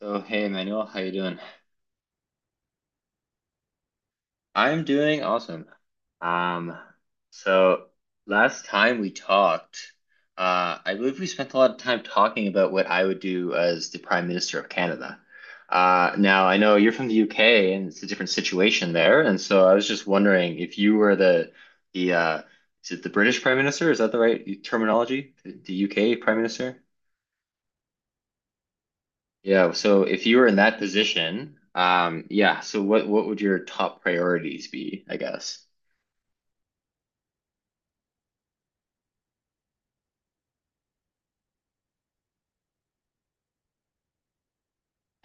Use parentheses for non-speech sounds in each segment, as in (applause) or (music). So, hey Manuel, how you doing? I'm doing awesome. Um, so last time we talked, I believe we spent a lot of time talking about what I would do as the Prime Minister of Canada. Now I know you're from the UK and it's a different situation there, and so I was just wondering if you were the is it the British Prime Minister? Is that the right terminology? The UK Prime Minister? Yeah, so if you were in that position, yeah, so what would your top priorities be, I guess?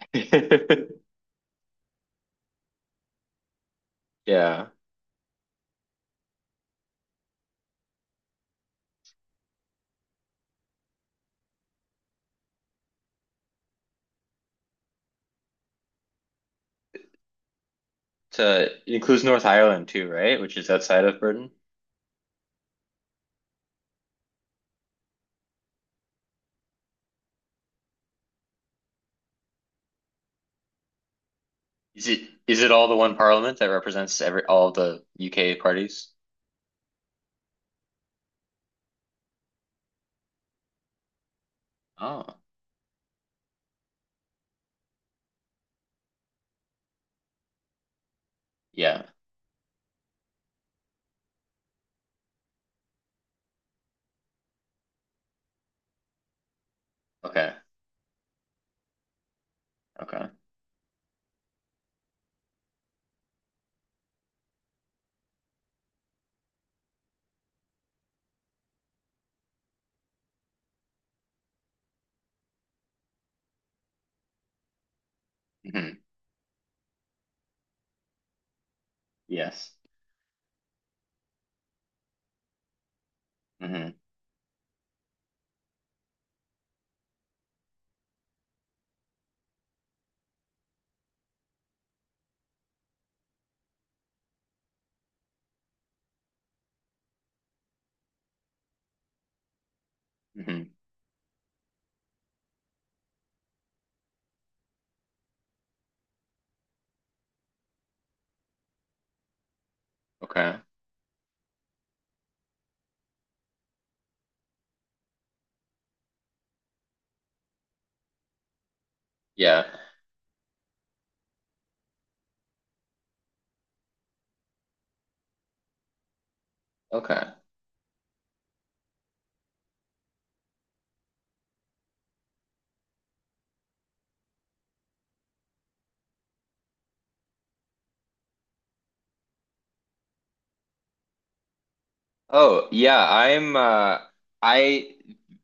(laughs) Yeah. So it includes North Ireland too, right? Which is outside of Britain. Is it all the one parliament that represents every all the UK parties? Oh, yeah. Okay. Okay. Hmm. Yes. Hmm. Hmm. Okay. Yeah. Okay. Oh, yeah, I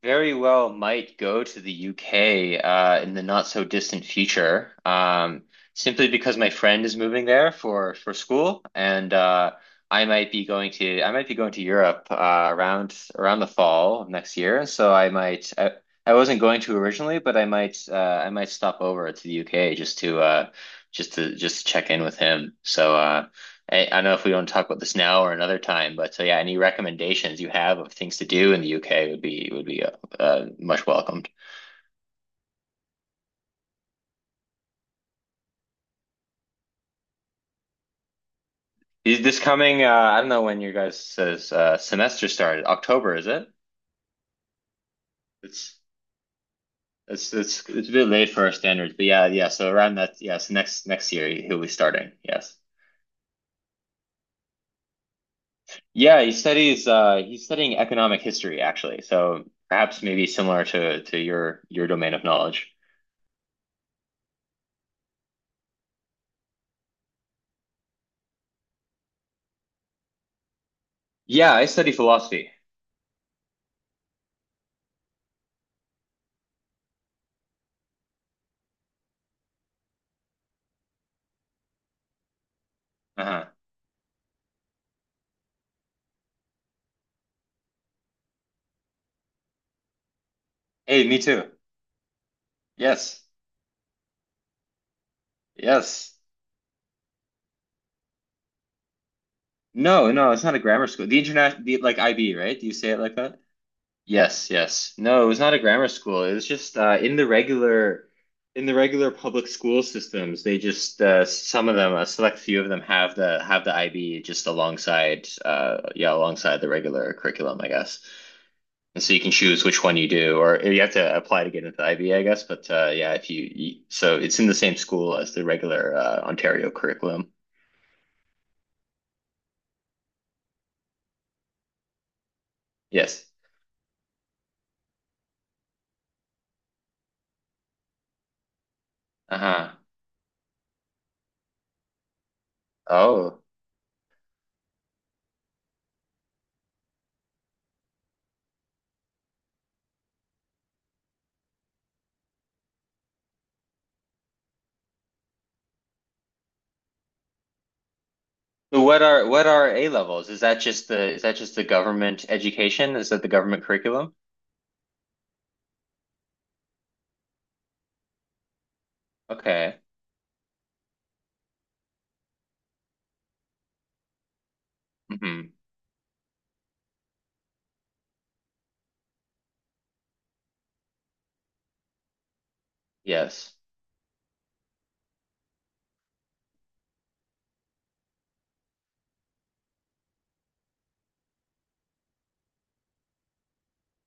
very well might go to the UK in the not so distant future. Simply because my friend is moving there for school and I might be going to Europe around the fall of next year. So I wasn't going to originally, but I might stop over to the UK just to check in with him. So I don't know if we want to talk about this now or another time, but so yeah, any recommendations you have of things to do in the UK would be much welcomed. Is this coming? I don't know when your guys' semester started. October, is it? It's it's a bit late for our standards, but yeah, yeah. So around that, yes, next year he'll be starting. Yes, yeah. He studies. He's studying economic history actually. So perhaps maybe similar to your domain of knowledge. Yeah, I study philosophy. Uh-huh. Hey, me too. Yes. Yes. No, no, it's not a grammar school. The like IB, right? Do you say it like that? Yes, yes. No, it was not a grammar school. It was just in the regular public school systems. They just Some of them, a select few of them have the IB just alongside, yeah, alongside the regular curriculum, I guess. And so you can choose which one you do, or you have to apply to get into the IB, I guess. But yeah, if you, you so it's in the same school as the regular Ontario curriculum. Yes. Uh-huh. Oh. So what are A levels? Is that just the government education? Is that the government curriculum? Okay. Hmm. Yes.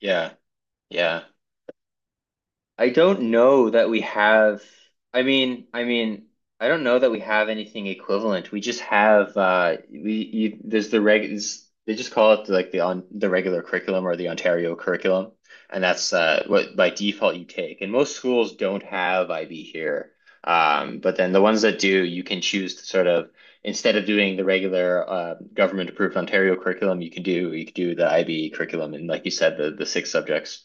Yeah. Yeah. I don't know that we have. I mean, I don't know that we have anything equivalent. We just have there's the reg. It's- They just call it like the on the regular curriculum or the Ontario curriculum, and that's what by default you take. And most schools don't have IB here, but then the ones that do, you can choose to sort of instead of doing the regular government approved Ontario curriculum, you could do the IB curriculum and like you said, the six subjects.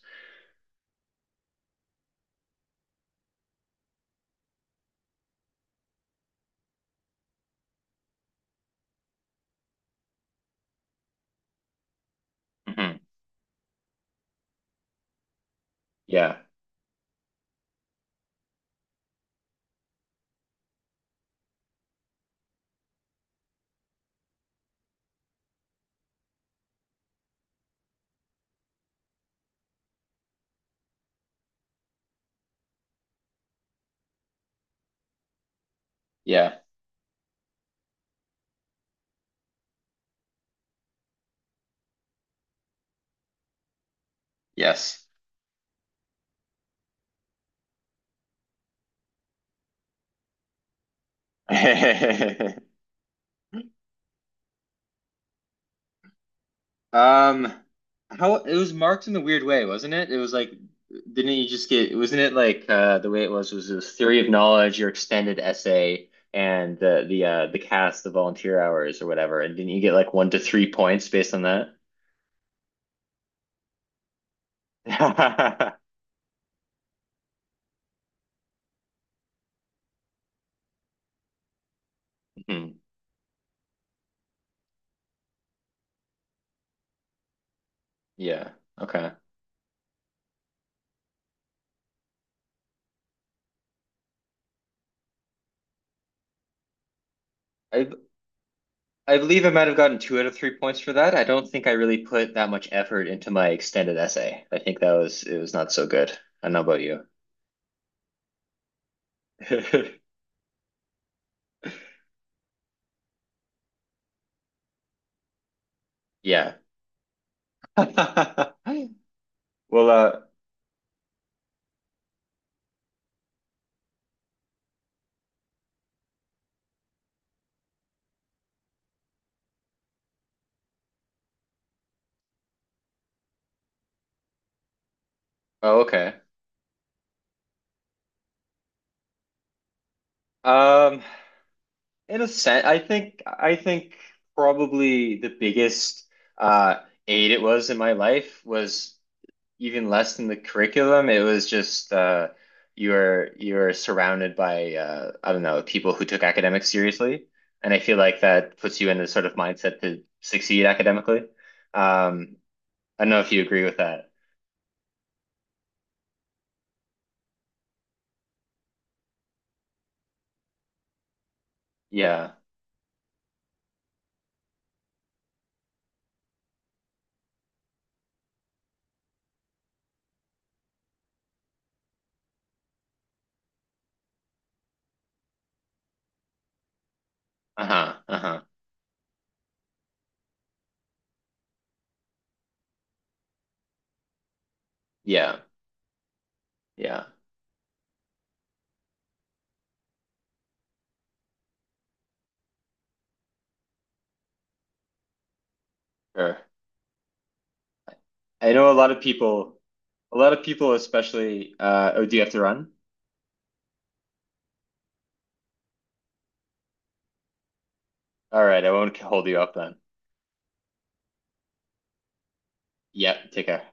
Hmm. Yeah. Yeah. Yes. (laughs) Um, how it was marked in a weird way, wasn't it? It was like, didn't you just get, wasn't it like the way it was this theory of knowledge, your extended essay, and the cast, the volunteer hours or whatever, and didn't you get like 1 to 3 points based on that? (laughs) Mhm. Yeah. Okay. I I believe I might have gotten two out of 3 points for that. I don't think I really put that much effort into my extended essay. I think that was It was not so good. I don't know about you. (laughs) Yeah. (laughs) Well, oh, okay. Um, in a sense, I think probably the biggest uh aid it was in my life was even less than the curriculum. It was just you're surrounded by I don't know, people who took academics seriously. And I feel like that puts you in the sort of mindset to succeed academically. Um, I don't know if you agree with that. Yeah. Uh-huh. Uh-huh. Yeah. Yeah. Sure. I know a lot of people, a lot of people, especially. Oh, do you have to run? All right, I won't hold you up then. Yeah, take care.